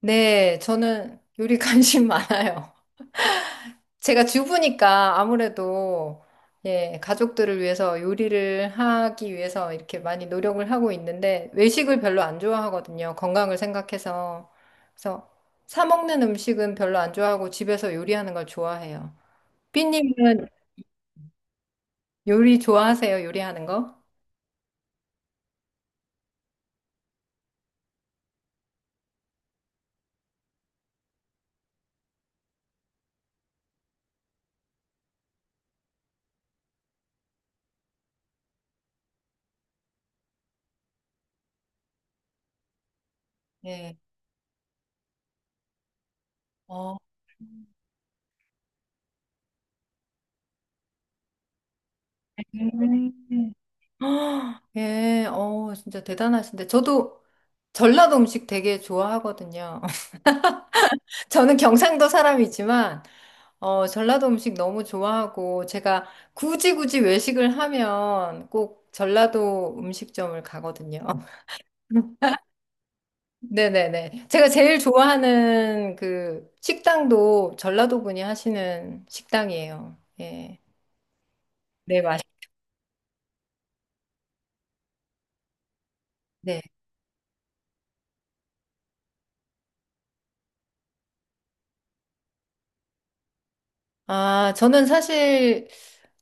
네, 저는 요리 관심 많아요. 제가 주부니까 아무래도 예, 가족들을 위해서 요리를 하기 위해서 이렇게 많이 노력을 하고 있는데 외식을 별로 안 좋아하거든요. 건강을 생각해서. 그래서 사 먹는 음식은 별로 안 좋아하고 집에서 요리하는 걸 좋아해요. 삐님은 요리 좋아하세요? 요리하는 거? 네. 어. 음. 아, 예, 진짜 대단하신데. 저도 전라도 음식 되게 좋아하거든요. 저는 경상도 사람이지만, 전라도 음식 너무 좋아하고, 제가 굳이 굳이 외식을 하면 꼭 전라도 음식점을 가거든요. 네네네. 제가 제일 좋아하는 그 식당도 전라도 분이 하시는 식당이에요. 예. 네, 맛있, 네. 아, 저는 사실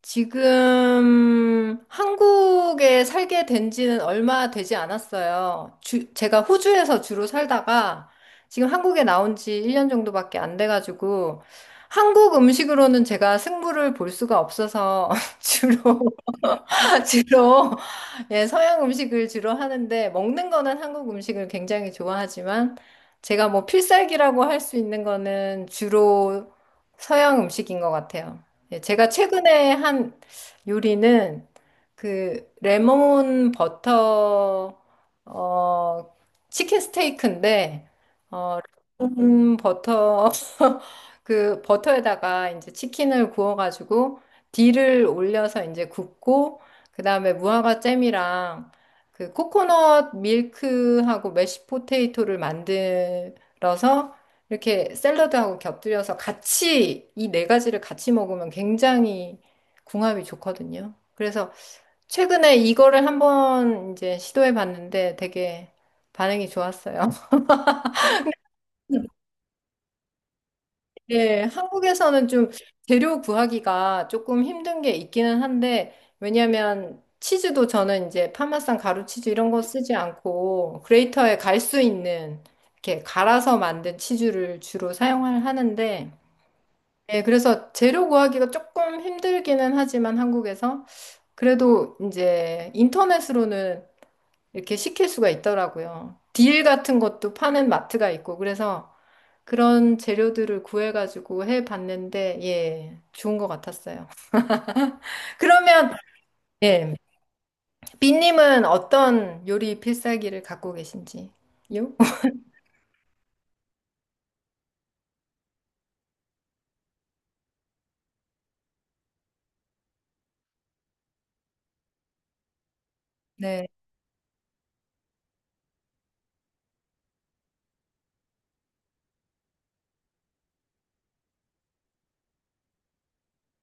지금 한국에 살게 된 지는 얼마 되지 않았어요. 제가 호주에서 주로 살다가 지금 한국에 나온 지 1년 정도밖에 안 돼가지고 한국 음식으로는 제가 승부를 볼 수가 없어서 주로 주로 예, 서양 음식을 주로 하는데 먹는 거는 한국 음식을 굉장히 좋아하지만 제가 뭐 필살기라고 할 수 있는 거는 주로 서양 음식인 것 같아요. 예, 제가 최근에 한 요리는 그 레몬 버터 어 치킨 스테이크인데 어 레몬 버터 그 버터에다가 이제 치킨을 구워가지고 딜을 올려서 이제 굽고 그다음에 무화과 잼이랑 그 코코넛 밀크하고 메쉬 포테이토를 만들어서 이렇게 샐러드하고 곁들여서 같이 이 네 가지를 같이 먹으면 굉장히 궁합이 좋거든요. 그래서 최근에 이거를 한번 이제 시도해 봤는데 되게 반응이 좋았어요. 네, 한국에서는 좀 재료 구하기가 조금 힘든 게 있기는 한데, 왜냐면 치즈도 저는 이제 파마산 가루 치즈 이런 거 쓰지 않고, 그레이터에 갈 수 있는, 이렇게 갈아서 만든 치즈를 주로 사용을 하는데, 네, 그래서 재료 구하기가 조금 힘들기는 하지만 한국에서, 그래도 이제 인터넷으로는 이렇게 시킬 수가 있더라고요. 딜 같은 것도 파는 마트가 있고, 그래서 그런 재료들을 구해가지고 해봤는데, 예, 좋은 것 같았어요. 그러면, 예, 빈님은 어떤 요리 필살기를 갖고 계신지요? 네.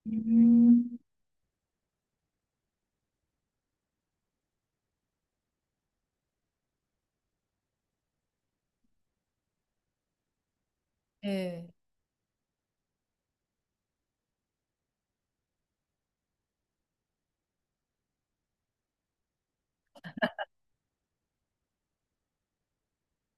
음. 예.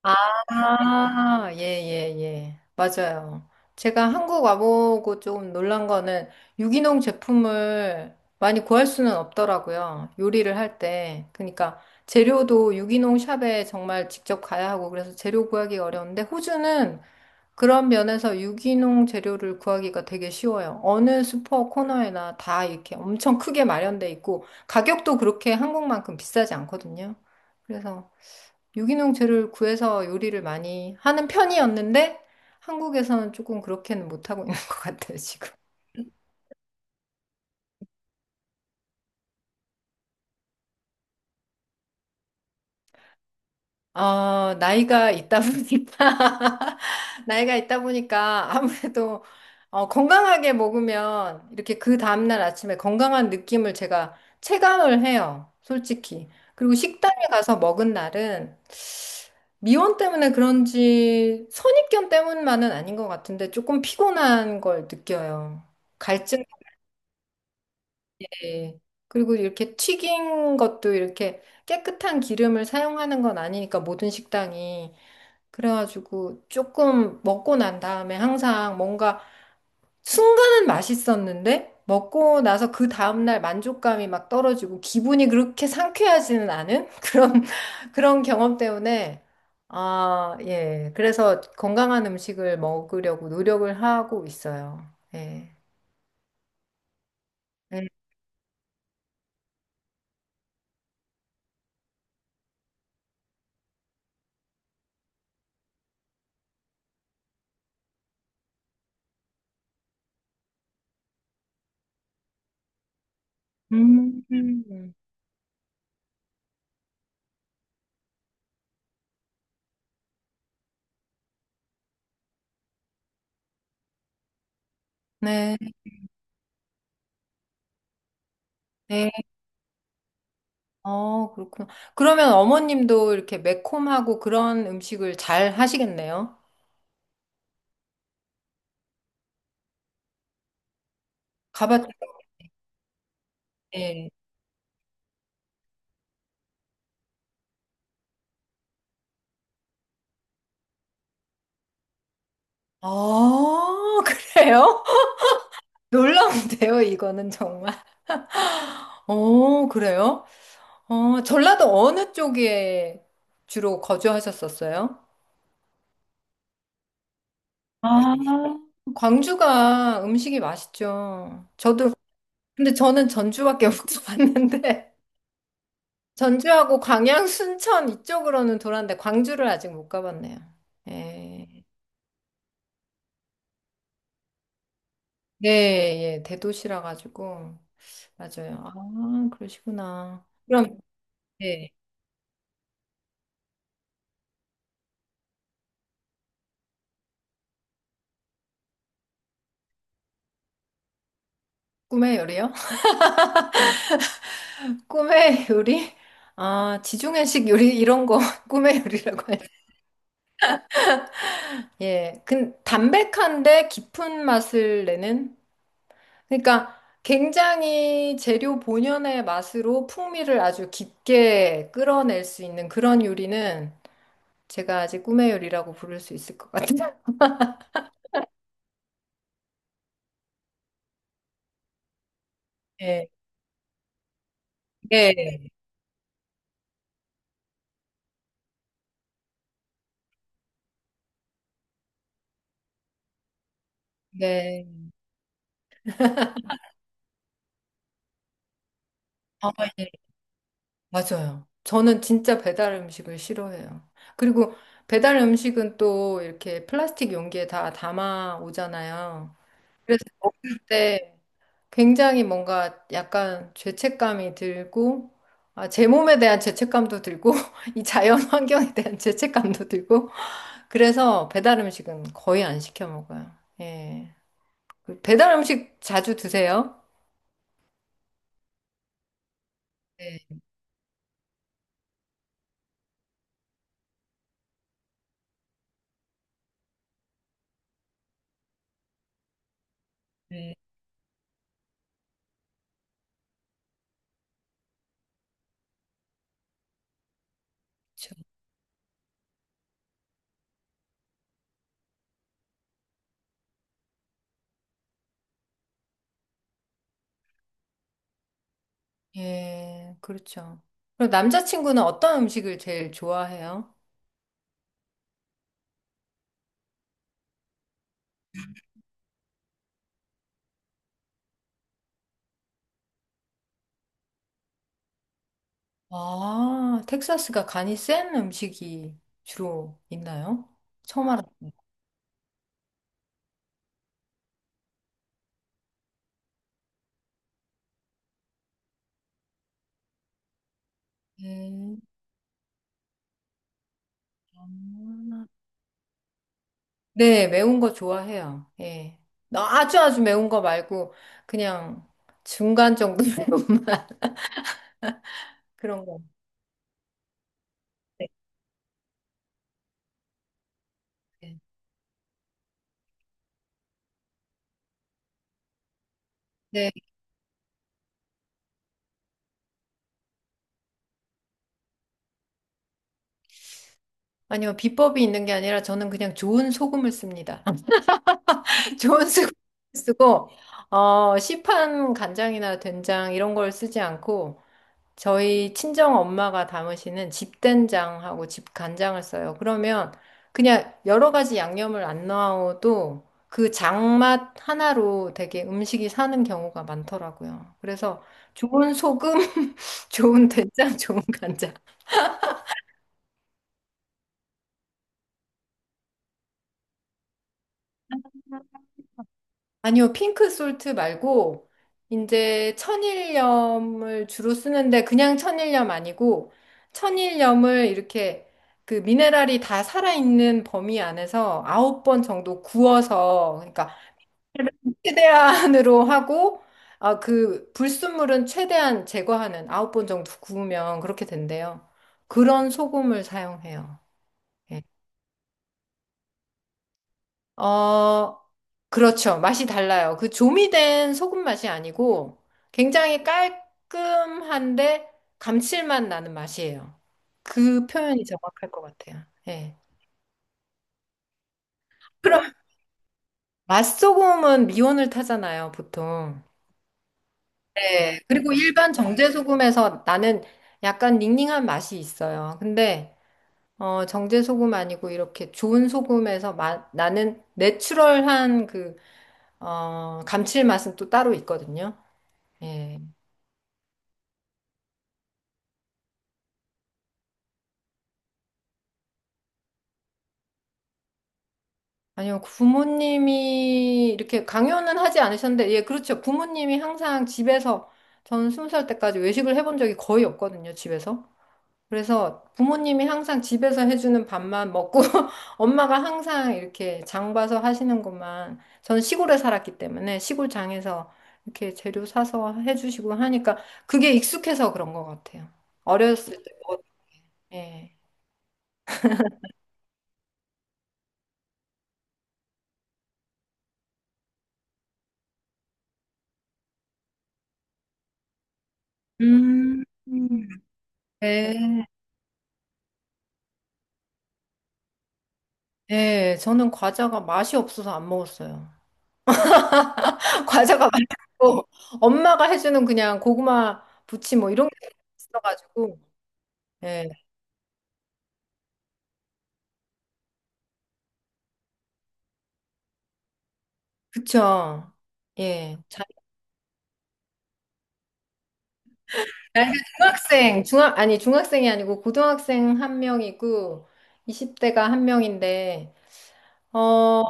아, 예, 예, 예. 맞아요. 제가 한국 와보고 조금 놀란 거는 유기농 제품을 많이 구할 수는 없더라고요. 요리를 할 때. 그러니까 재료도 유기농 샵에 정말 직접 가야 하고 그래서 재료 구하기 가 어려운데 호주는 그런 면에서 유기농 재료를 구하기가 되게 쉬워요. 어느 슈퍼 코너에나 다 이렇게 엄청 크게 마련돼 있고 가격도 그렇게 한국만큼 비싸지 않거든요. 그래서 유기농 재료를 구해서 요리를 많이 하는 편이었는데 한국에서는 조금 그렇게는 못하고 있는 것 같아요, 지금. 나이가 있다 보니까, 나이가 있다 보니까 아무래도 건강하게 먹으면 이렇게 그 다음날 아침에 건강한 느낌을 제가 체감을 해요, 솔직히. 그리고 식당에 가서 먹은 날은 미원 때문에 그런지 선입견 때문만은 아닌 것 같은데 조금 피곤한 걸 느껴요. 갈증이. 그리고 이렇게 튀긴 것도 이렇게 깨끗한 기름을 사용하는 건 아니니까 모든 식당이. 그래가지고 조금 먹고 난 다음에 항상 뭔가 순간은 맛있었는데 먹고 나서 그 다음날 만족감이 막 떨어지고 기분이 그렇게 상쾌하지는 않은 그런, 그런 경험 때문에 아, 예. 그래서 건강한 음식을 먹으려고 노력을 하고 있어요. 예. 네. 음. 음. 네. 네. 어, 그렇구나. 그러면 어머님도 이렇게 매콤하고 그런 음식을 잘 하시겠네요. 가봤 예. 아, 그래요? 놀라운데요, 이거는 정말. 어, 그래요? 전라도 어느 쪽에 주로 거주하셨었어요? 아, 광주가 음식이 맛있죠. 저도, 근데 저는 전주밖에 못 가봤는데, 전주하고 광양, 순천 이쪽으로는 돌았는데, 광주를 아직 못 가봤네요. 예. 네, 예, 대도시라 가지고. 맞아요. 아, 그러시구나. 그럼, 예, 꿈의 요리요? 꿈의 요리? 아, 지중해식 요리 이런 거 꿈의 요리라고 해요. 예. 근 담백한데 깊은 맛을 내는 그러니까 굉장히 재료 본연의 맛으로 풍미를 아주 깊게 끌어낼 수 있는 그런 요리는 제가 아직 꿈의 요리라고 부를 수 있을 것 같아요. 예. 예. 네. 아, 예. 맞아요. 저는 진짜 배달 음식을 싫어해요. 그리고 배달 음식은 또 이렇게 플라스틱 용기에 다 담아 오잖아요. 그래서 먹을 때 굉장히 뭔가 약간 죄책감이 들고, 아, 제 몸에 대한 죄책감도 들고, 이 자연 환경에 대한 죄책감도 들고, 그래서 배달 음식은 거의 안 시켜 먹어요. 예. 그 배달 음식 자주 드세요? 네. 네. 예, 그렇죠. 그럼 남자친구는 어떤 음식을 제일 좋아해요? 아, 텍사스가 간이 센 음식이 주로 있나요? 처음 알았어요. 예. 아. 네, 매운 거 좋아해요. 예. 아주 아주 매운 거 말고 그냥 중간 정도 매운맛 그런 거. 네. 네. 아니요, 비법이 있는 게 아니라 저는 그냥 좋은 소금을 씁니다. 좋은 스프 쓰고 시판 간장이나 된장 이런 걸 쓰지 않고 저희 친정 엄마가 담으시는 집된장하고 집간장을 써요. 그러면 그냥 여러 가지 양념을 안 넣어도 그 장맛 하나로 되게 음식이 사는 경우가 많더라고요. 그래서 좋은 소금, 좋은 된장, 좋은 간장. 아니요, 핑크 솔트 말고, 이제 천일염을 주로 쓰는데, 그냥 천일염 아니고, 천일염을 이렇게 그 미네랄이 다 살아있는 범위 안에서 9번 정도 구워서, 그러니까 최대한으로 하고, 아, 그 불순물은 최대한 제거하는 9번 정도 구우면 그렇게 된대요. 그런 소금을 사용해요. 예. 어, 그렇죠. 맛이 달라요. 그 조미된 소금 맛이 아니고 굉장히 깔끔한데 감칠맛 나는 맛이에요. 그 표현이 정확할 것 같아요. 예. 그럼 맛소금은 미온을 타잖아요, 보통. 네. 그리고 일반 정제소금에서 나는 약간 닝닝한 맛이 있어요. 근데 정제소금 아니고 이렇게 좋은 소금에서 나는 내추럴한 그 감칠맛은 또 따로 있거든요. 예. 아니요, 부모님이 이렇게 강요는 하지 않으셨는데, 예, 그렇죠. 부모님이 항상 집에서, 저는 20살 때까지 외식을 해본 적이 거의 없거든요, 집에서. 그래서 부모님이 항상 집에서 해주는 밥만 먹고, 엄마가 항상 이렇게 장 봐서 하시는 것만, 저는 시골에 살았기 때문에 시골 장에서 이렇게 재료 사서 해주시고 하니까, 그게 익숙해서 그런 것 같아요. 어렸을 때, 먹 예. 음, 네. 네, 저는 과자가 맛이 없어서 안 먹었어요. 과자가 맛이 없고 엄마가 해주는 그냥 고구마 부침 뭐 이런 게 있어가지고 예, 그쵸. 예. 나이가 중학생, 중학 아니 중학생이 아니고 고등학생 한 명이고 20대가 한 명인데 어,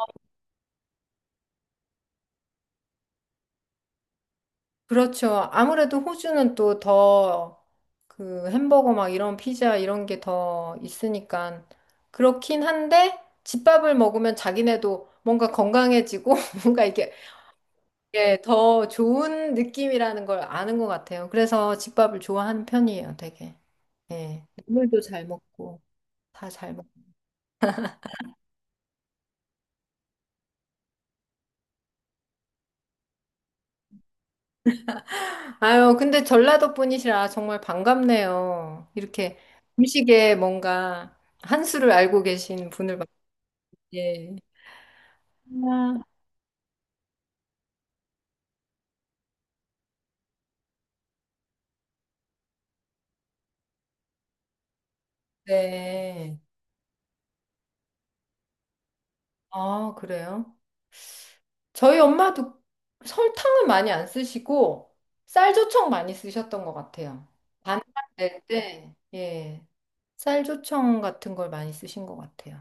그렇죠. 아무래도 호주는 또 더 그 햄버거 막 이런 피자 이런 게 더 있으니까 그렇긴 한데 집밥을 먹으면 자기네도 뭔가 건강해지고 뭔가 이게 예, 더 좋은 느낌이라는 걸 아는 것 같아요. 그래서 집밥을 좋아하는 편이에요, 되게. 예. 국물도 잘 먹고 다 잘 먹고. 아유, 근데 전라도 분이시라 정말 반갑네요. 이렇게 음식에 뭔가 한 수를 알고 계신 분을 봤 예. 아, 네. 아, 그래요? 저희 엄마도 설탕은 많이 안 쓰시고 쌀조청 많이 쓰셨던 것 같아요. 반찬 낼 때, 예. 쌀조청 같은 걸 많이 쓰신 것 같아요.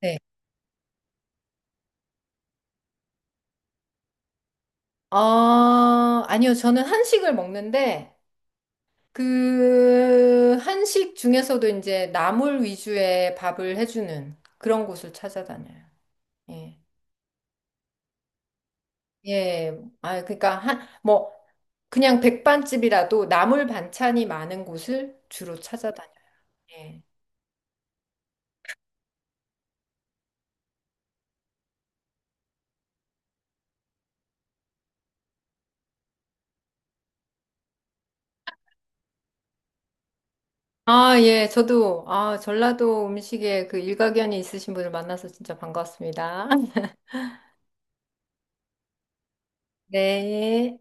네. 아, 아니요. 저는 한식을 먹는데 그 한식 중에서도 이제 나물 위주의 밥을 해주는 그런 곳을 찾아다녀요. 예. 예. 아, 그러니까 한, 뭐 그냥 백반집이라도 나물 반찬이 많은 곳을 주로 찾아다녀요. 예. 아, 예, 저도, 아, 전라도 음식에 그 일가견이 있으신 분을 만나서 진짜 반가웠습니다. 네.